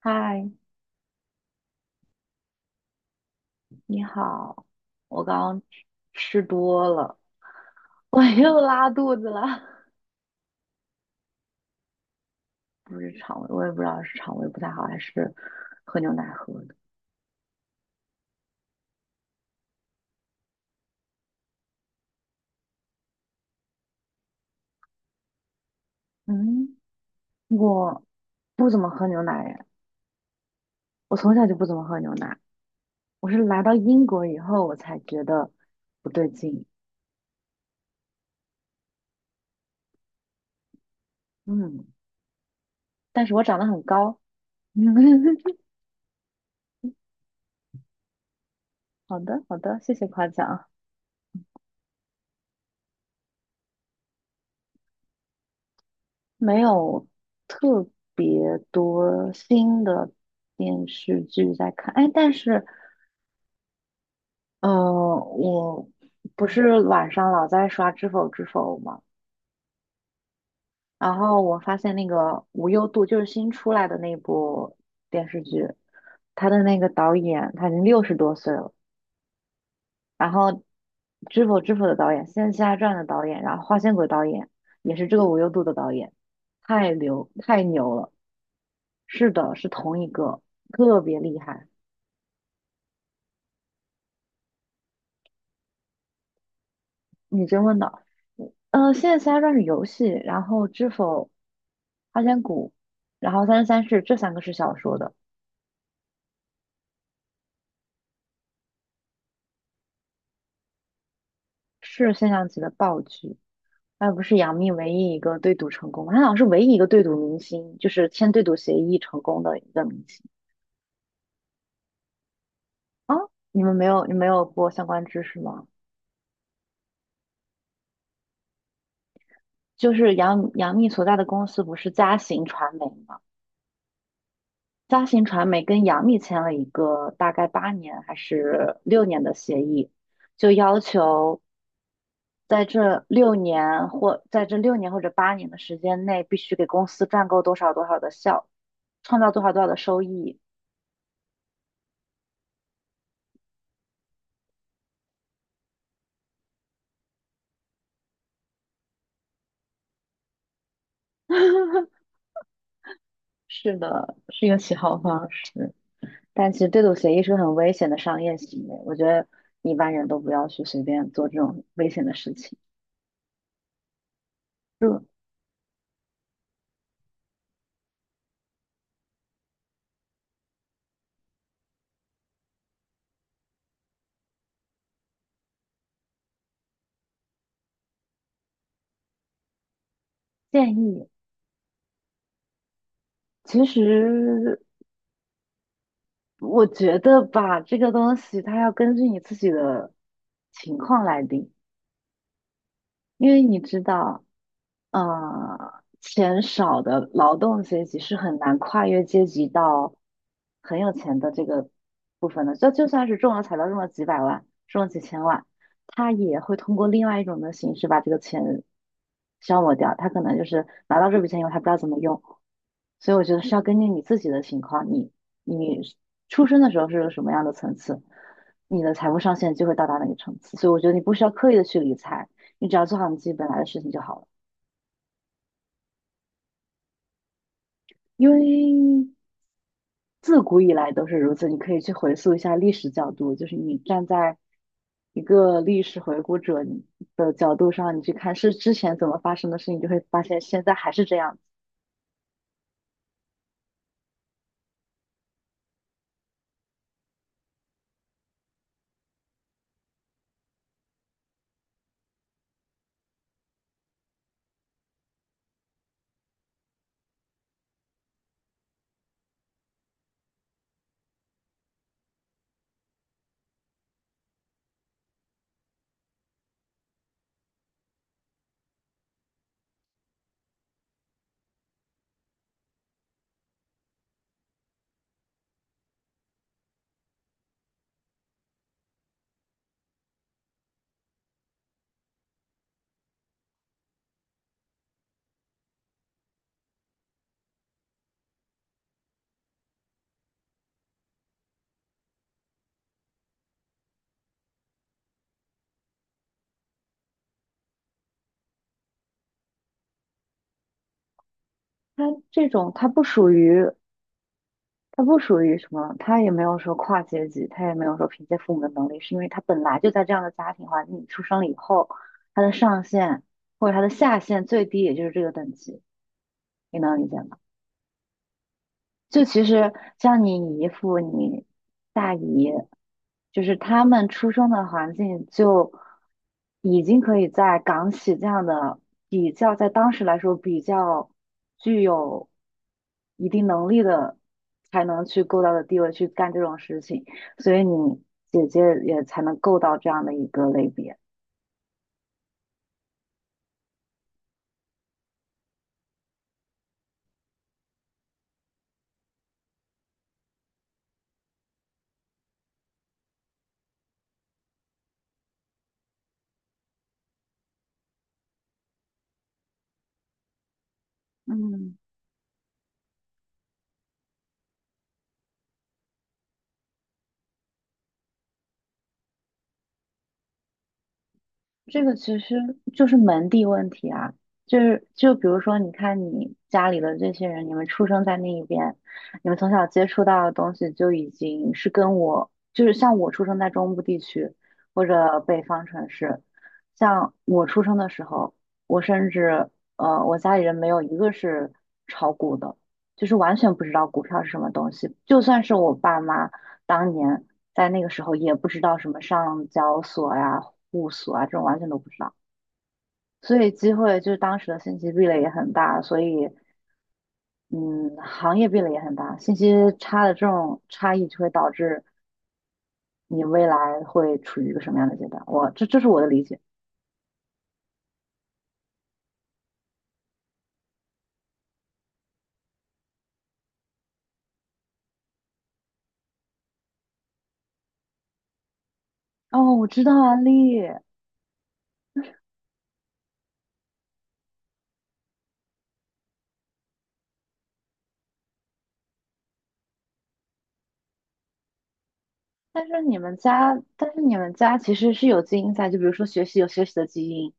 嗨，你好，我刚刚吃多了，我又拉肚子了。不是肠胃，我也不知道是肠胃不太好，还是喝牛奶喝的。嗯，我不怎么喝牛奶耶，我从小就不怎么喝牛奶。我是来到英国以后，我才觉得不对劲。嗯，但是我长得很高。好的，好的，谢谢夸奖。没有特别多新的电视剧在看，哎，但是嗯，我不是晚上老在刷《知否知否》嘛，然后我发现那个无忧渡就是新出来的那部电视剧，他的那个导演他已经60多岁了，然后《知否知否》的导演，《仙侠传》的导演，然后《花千骨》的导演也是这个无忧渡的导演，太牛太牛了。是的，是同一个，特别厉害。你真问道："嗯，《现在《仙侠传》是游戏，然后知否《花千骨》，然后《三生三世》这三个是小说的，是现象级的爆剧。那不是杨幂唯一一个对赌成功吗？她好像是唯一一个对赌明星，就是签对赌协议成功的一个明星啊！你没有过相关知识吗？就是杨幂所在的公司不是嘉行传媒吗？嘉行传媒跟杨幂签了一个大概八年还是六年的协议，就要求在这六年或者八年的时间内，必须给公司赚够多少多少的效，创造多少多少的收益。是的，是一个起号方式。但其实对赌协议是个很危险的商业行为，我觉得一般人都不要去随便做这种危险的事情。就建议，其实我觉得吧，这个东西它要根据你自己的情况来定，因为你知道。啊，钱少的劳动阶级是很难跨越阶级到很有钱的这个部分的。就算是中了彩票中了几百万，中了几千万，他也会通过另外一种的形式把这个钱消磨掉。他可能就是拿到这笔钱以后，他不知道怎么用。所以我觉得是要根据你自己的情况，你出生的时候是个什么样的层次，你的财富上限就会到达哪个层次。所以我觉得你不需要刻意的去理财，你只要做好你自己本来的事情就好了。因为自古以来都是如此，你可以去回溯一下历史角度，就是你站在一个历史回顾者的角度上，你去看是之前怎么发生的事情，你就会发现现在还是这样子。它这种，它不属于，它不属于什么，它也没有说跨阶级，它也没有说凭借父母的能力，是因为他本来就在这样的家庭环境里出生了以后，他的上限或者他的下限最低也就是这个等级，你能理解吗？就其实像你姨父、你大姨，就是他们出生的环境就已经可以在港企这样的比较，在当时来说比较具有一定能力的，才能去够到的地位去干这种事情，所以你姐姐也才能够到这样的一个类别。嗯这个其实就是门第问题啊，就是就比如说，你看你家里的这些人，你们出生在那一边，你们从小接触到的东西就已经是跟我，就是像我出生在中部地区或者北方城市，像我出生的时候，我甚至呃，我家里人没有一个是炒股的，就是完全不知道股票是什么东西，就算是我爸妈。当年。在那个时候也不知道什么上交所呀、户所啊这种完全都不知道，所以机会就是当时的信息壁垒也很大，所以嗯，行业壁垒也很大，信息差的这种差异就会导致你未来会处于一个什么样的阶段？这是我的理解。哦，我知道啊，丽，但是你们家其实是有基因在，就比如说学习有学习的基因，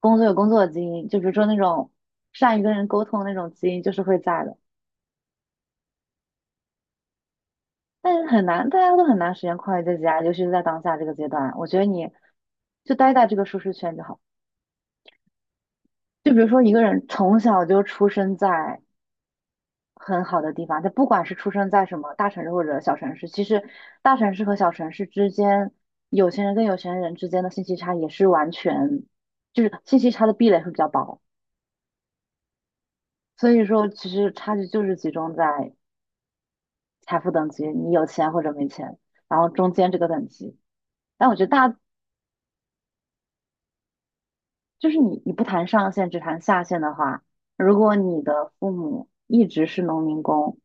工作有工作的基因，就比如说那种善于跟人沟通的那种基因，就是会在的。但是很难，大家都很难实现跨越阶级啊，尤其是在当下这个阶段。我觉得你就待在这个舒适圈就好。就比如说一个人从小就出生在很好的地方，他不管是出生在什么大城市或者小城市，其实大城市和小城市之间，有钱人跟有钱人之间的信息差也是完全，就是信息差的壁垒会比较薄。所以说，其实差距就是集中在财富等级，你有钱或者没钱，然后中间这个等级。但我觉得大就是你不谈上限，只谈下限的话，如果你的父母一直是农民工，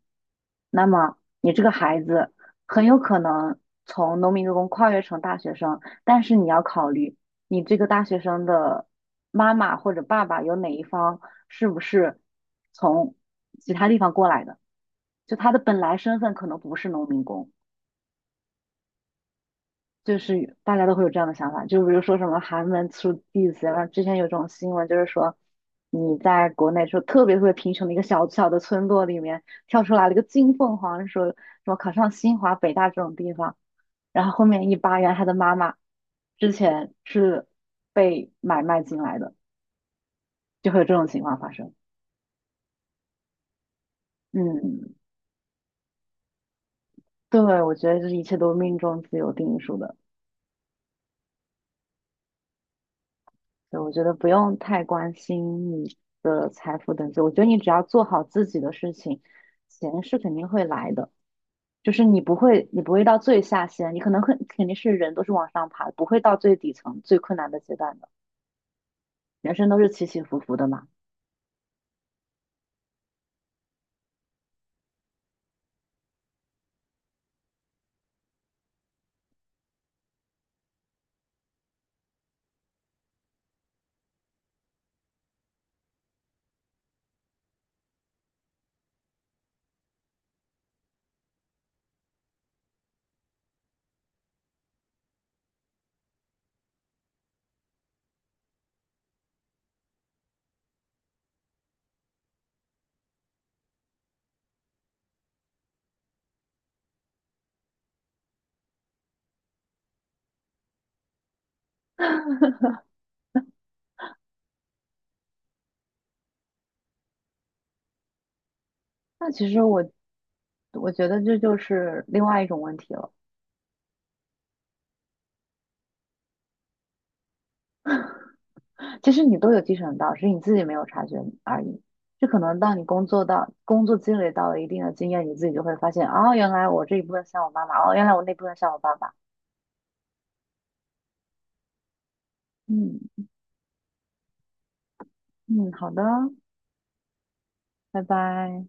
那么你这个孩子很有可能从农民工跨越成大学生，但是你要考虑你这个大学生的妈妈或者爸爸有哪一方是不是从其他地方过来的，就他的本来身份可能不是农民工。就是大家都会有这样的想法，就比如说什么寒门出弟子，然后之前有这种新闻，就是说你在国内说特别特别贫穷的一个小小的村落里面跳出来了一个金凤凰，说什么考上清华、北大这种地方，然后后面一扒，原来他的妈妈之前是被买卖进来的，就会有这种情况发生。嗯，对，我觉得这一切都是命中自有定数的。对，我觉得不用太关心你的财富等级，我觉得你只要做好自己的事情，钱是肯定会来的。就是你不会到最下限，你可能会肯定是人都是往上爬，不会到最底层最困难的阶段的。人生都是起起伏伏的嘛。那其实我觉得这就是另外一种问题了。其实你都有继承到，只是你自己没有察觉而已。就可能当你工作积累到了一定的经验，你自己就会发现，哦，原来我这一部分像我妈妈，哦，原来我那部分像我爸爸。嗯嗯，好的，拜拜。